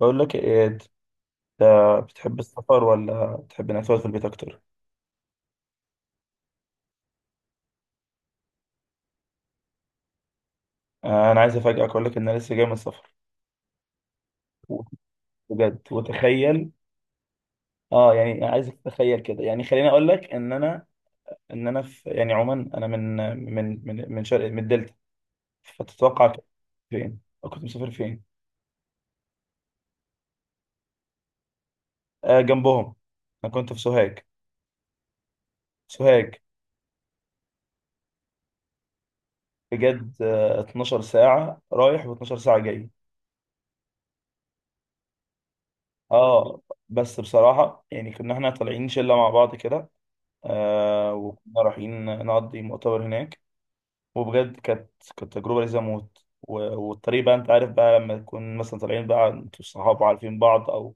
بقول لك ايه انت، بتحب السفر ولا بتحب انك تقعد في البيت اكتر؟ انا عايز افاجئك اقول لك ان انا لسه جاي من السفر. بجد وتخيل. اه يعني عايزك تتخيل كده، يعني خليني اقول لك ان انا في، يعني عموما انا من شرق، من الدلتا. فتتوقع كنت فين أو كنت مسافر فين؟ آه جنبهم، انا كنت في سوهاج. سوهاج، بجد. 12 ساعة رايح و12 ساعة جاي. اه، بس بصراحة يعني كنا احنا طالعين شلة مع بعض كده. آه، وكنا رايحين نقضي مؤتمر هناك. وبجد كانت تجربة لذيذة موت. والطريق بقى انت عارف بقى لما تكون مثلا طالعين بقى انتوا الصحاب عارفين بعض، او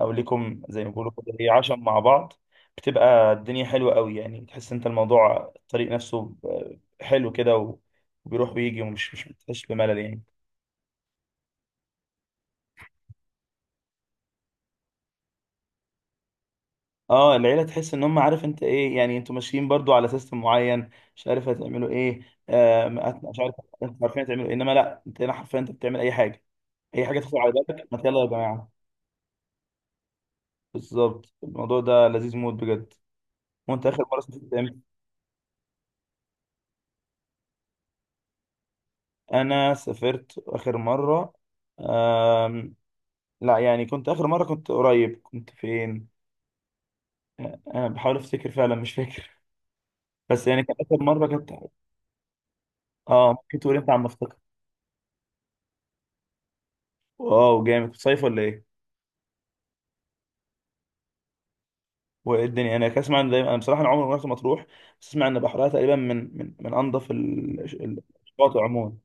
او ليكم زي ما بيقولوا كده ايه، عشم مع بعض. بتبقى الدنيا حلوة قوي، يعني تحس انت الموضوع الطريق نفسه حلو كده. وبيروح ويجي ومش مش بتحس بملل يعني. اه العيله تحس ان هم، عارف انت ايه، يعني انتوا ماشيين برضو على سيستم معين. مش عارف هتعملوا ايه. آه. مش عارف. انتوا عارفين هتعملوا ايه، انما لا، انت هنا حرفيا انت بتعمل اي حاجه، اي حاجه تدخل على بالك، ما يلا يا جماعه. بالظبط الموضوع ده لذيذ موت بجد. وانت اخر مره سافرت امتى؟ انا سافرت اخر مره. آم لا، يعني كنت اخر مره كنت قريب، كنت فين؟ انا بحاول افتكر فعلا، مش فاكر. بس يعني كان اخر مره كنت. اه ممكن تقول، انت عم افتكر. واو جامد، كنت صيف ولا ايه؟ والدنيا هناك، اسمع ان دايما، انا بصراحه انا عمري ما رحت مطروح. بس اسمع ان بحرها تقريبا من انظف الشواطئ عموما.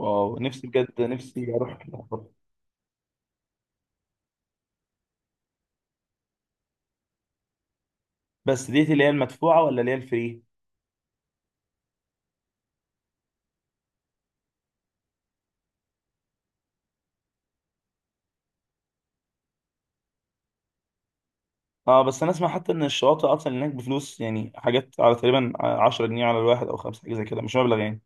واو نفسي بجد، نفسي اروح مطروح. بس ديت اللي هي المدفوعه ولا اللي هي الفري؟ اه، بس انا اسمع حتى ان الشواطئ اصلا هناك بفلوس، يعني حاجات على تقريبا 10 جنيه على الواحد او خمسه، حاجه زي كده، مش مبلغ يعني.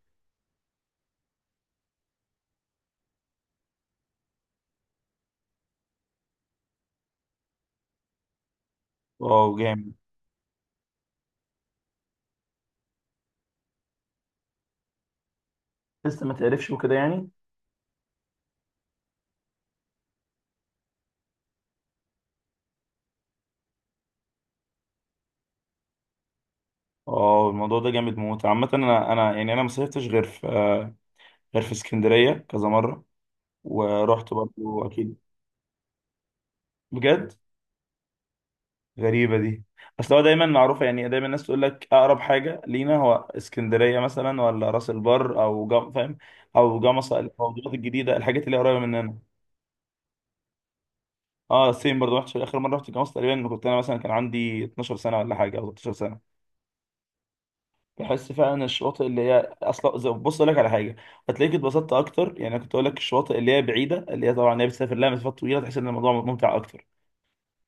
واو جامد. لسه ما تعرفش وكده يعني. اه الموضوع ده جامد موت. عامه انا ما صيفتش غير في غير في اسكندريه كذا مره. ورحت برضه. اكيد. بجد. غريبة دي. اصل هو دايما معروفة، يعني دايما الناس تقول لك اقرب حاجة لينا هو اسكندرية مثلا، ولا راس البر، او فاهم، او جمصة، الموضوعات الجديدة، الحاجات اللي هي قريبة مننا. اه سيم برضه، رحت اخر مرة، رحت جمصة تقريبا لما كنت انا مثلا كان عندي 12 سنة ولا حاجة، او 13 سنة. بحس فعلا الشواطئ اللي هي اصلا بص اقول لك على حاجة. هتلاقيك اتبسطت اكتر، يعني أنا كنت اقول لك الشواطئ اللي هي بعيدة، اللي هي طبعا هي بتسافر لها مسافات طويلة، تحس ان الموضوع ممتع اكتر.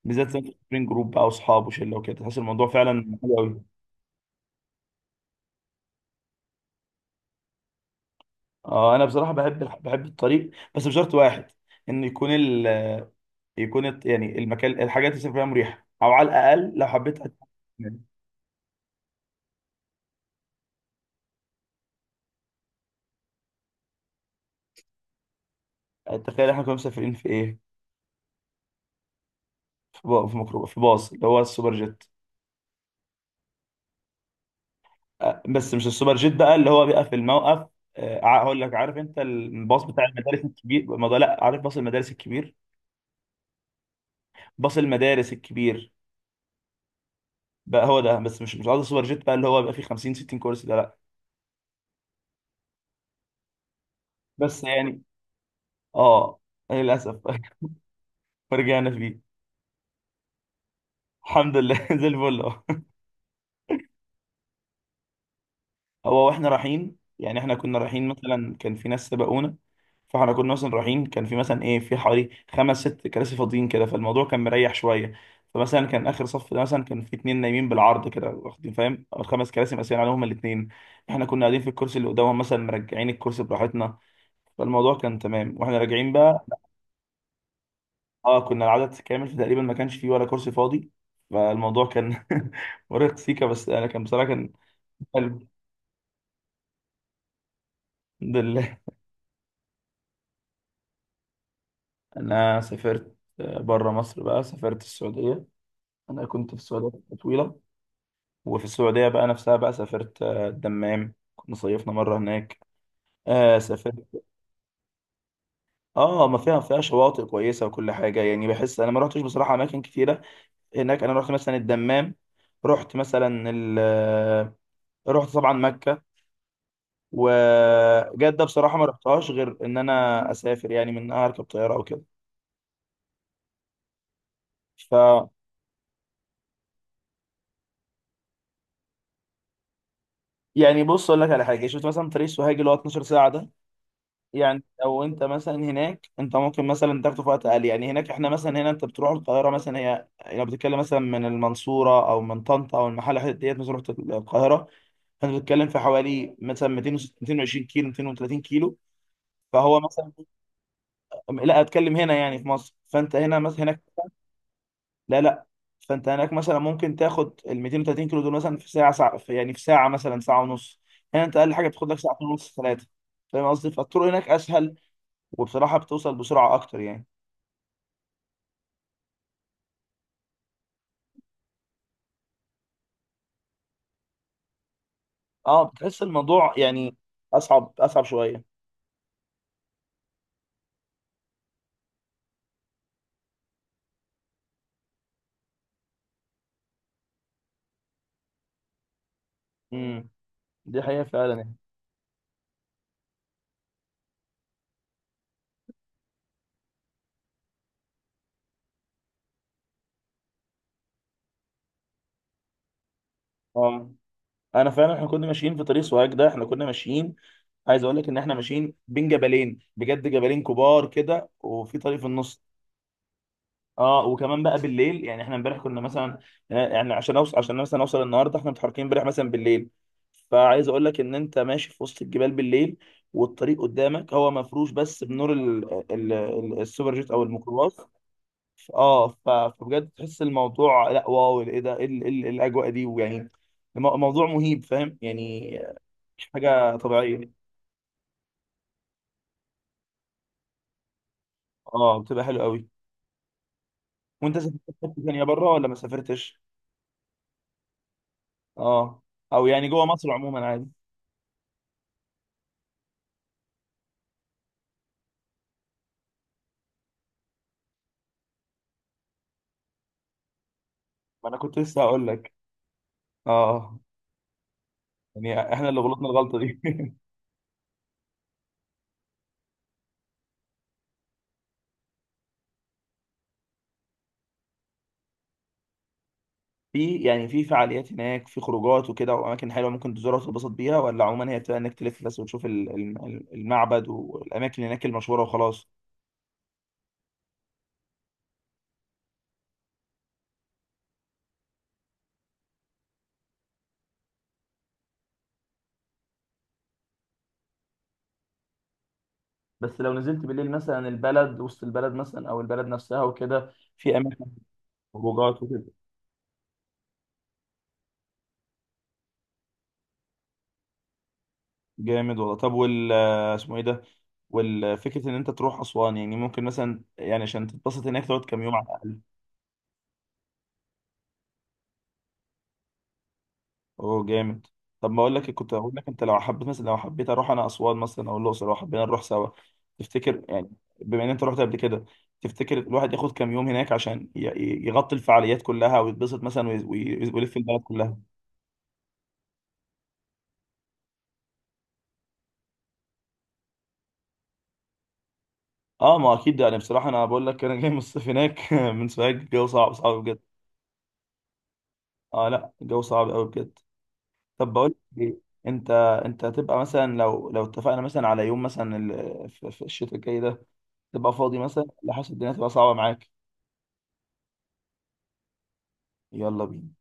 بالذات لو سافرين جروب بقى واصحاب وشله وكده، تحس الموضوع فعلا حلو قوي. اه انا بصراحه بحب الطريق، بس بشرط واحد، ان يكون يكون يعني المكان الحاجات اللي سافر فيها مريحه، او على الاقل لو حبيت يعني. تخيل احنا كنا مسافرين في ايه، في با- في ميكرو في باص اللي هو السوبر جيت. بس مش السوبر جيت بقى اللي هو بيبقى في الموقف. هقول لك، عارف انت الباص بتاع المدارس الكبير، ما ده- لا، عارف باص المدارس الكبير. باص المدارس الكبير بقى، هو ده، بس مش قصدي السوبر جيت بقى اللي هو بيبقى فيه 50 60 كرسي ده، لا. بس يعني. اه للاسف فرجعنا فيه. الحمد لله زي الفل أهو. هو واحنا رايحين يعني، احنا كنا رايحين مثلا، كان في ناس سبقونا. فاحنا كنا مثلا رايحين، كان في مثلا ايه، في حوالي خمس ست كراسي فاضيين كده، فالموضوع كان مريح شويه. فمثلا كان اخر صف ده مثلا كان في اتنين نايمين بالعرض كده واخدين، فاهم، او الخمس كراسي مقسمين عليهم الاتنين. احنا كنا قاعدين في الكرسي اللي قدامهم مثلا، مرجعين الكرسي براحتنا، فالموضوع كان تمام. واحنا راجعين بقى، اه كنا العدد كامل، فتقريبا ما كانش فيه ولا كرسي فاضي، فالموضوع كان مرهق سيكا. بس انا كان بصراحه كان. حلو. الحمد لله. انا سافرت بره مصر بقى، سافرت السعوديه. انا كنت في السعوديه فتره طويله. وفي السعوديه بقى نفسها بقى سافرت الدمام، كنا صيفنا مره هناك. آه سافرت. اه ما فيها، فيها شواطئ كويسه وكل حاجه، يعني بحس انا ما رحتش بصراحه اماكن كتيره هناك. انا رحت مثلا الدمام، رحت مثلا ال آه، رحت طبعا مكه. وجده بصراحه ما رحتهاش غير ان انا اسافر، يعني من اركب طياره او كده. ف يعني بص اقول لك على حاجه، شفت مثلا طريق سوهاج اللي هو 12 ساعه ده، يعني لو انت مثلا هناك انت ممكن مثلا تاخده في وقت اقل. يعني هناك احنا مثلا، هنا انت بتروح القاهره مثلا هي، لو بتتكلم مثلا من المنصوره او من طنطا او المحله، الحتت ديت مثلا رحت القاهره، فانت بتتكلم في حوالي مثلا 200 220 كيلو 230 كيلو. فهو مثلا، لا اتكلم هنا يعني في مصر، فانت هنا مثلا، هناك لا لا، فانت هناك مثلا ممكن تاخد ال 230 كيلو دول مثلا في ساعه ساعه في- يعني في ساعه مثلا ساعه ونص. هنا انت اقل حاجه بتاخد لك ساعتين ونص، ثلاثه. فاهم قصدي، فالطرق هناك اسهل، وبصراحه بتوصل بسرعه اكتر يعني. اه بتحس الموضوع، يعني اصعب شويه. امم دي حقيقه فعلا يعني. اه انا فعلا احنا كنا ماشيين في طريق سوهاج ده، احنا كنا ماشيين، عايز اقول لك ان احنا ماشيين بين جبلين، بجد جبلين كبار كده وفي طريق في النص. اه وكمان بقى بالليل، يعني احنا امبارح كنا مثلا يعني عشان اوصل، عشان مثلا اوصل النهارده احنا متحركين امبارح مثلا بالليل. فعايز اقول لك ان انت ماشي في وسط الجبال بالليل، والطريق قدامك هو مفروش بس بنور السوبر جيت او الميكروباص. اه ف- فبجد تحس الموضوع، لا واو، ايه ده، ايه إيه إيه الاجواء دي ويعني موضوع مهيب فاهم يعني. مش حاجه طبيعيه. اه بتبقى حلوه قوي. وانت سافرت حته ثانيه بره ولا ما سافرتش؟ اه، او يعني جوه مصر عموما عادي. ما انا كنت لسه هقول لك. اه يعني احنا اللي غلطنا الغلطه دي في، يعني في فعاليات هناك، في خروجات وكده واماكن حلوه ممكن تزورها وتتبسط بيها، ولا عموما هي بتبقى انك تلف بس وتشوف المعبد والاماكن هناك المشهوره وخلاص. بس لو نزلت بالليل مثلا البلد، وسط البلد مثلا او البلد نفسها وكده، في اماكن، خروجات وكده. جامد والله. طب وال آه، اسمه ايه ده؟ والفكره ان انت تروح اسوان، يعني ممكن مثلا يعني عشان تتبسط هناك تقعد كام يوم على الاقل؟ اوه جامد. طب ما اقول لك، كنت اقول لك انت لو حبيت مثلا، لو حبيت اروح انا اسوان مثلا او الاقصر، لو حبينا نروح سوا، تفتكر يعني، بما ان انت رحت قبل كده، تفتكر الواحد ياخد كام يوم هناك عشان يغطي الفعاليات كلها ويتبسط مثلا، ويلف البلد كلها؟ اه ما اكيد، يعني بصراحه انا بقول لك انا جاي من الصيف هناك من سوهاج، الجو صعب صعب بجد. اه لا الجو صعب قوي بجد. طب بقول لك ايه، انت انت هتبقى مثلا، لو اتفقنا مثلا على يوم مثلا، في الشتاء الجاي ده، تبقى فاضي مثلا ولا حاسس الدنيا تبقى صعبه معاك؟ يلا بينا.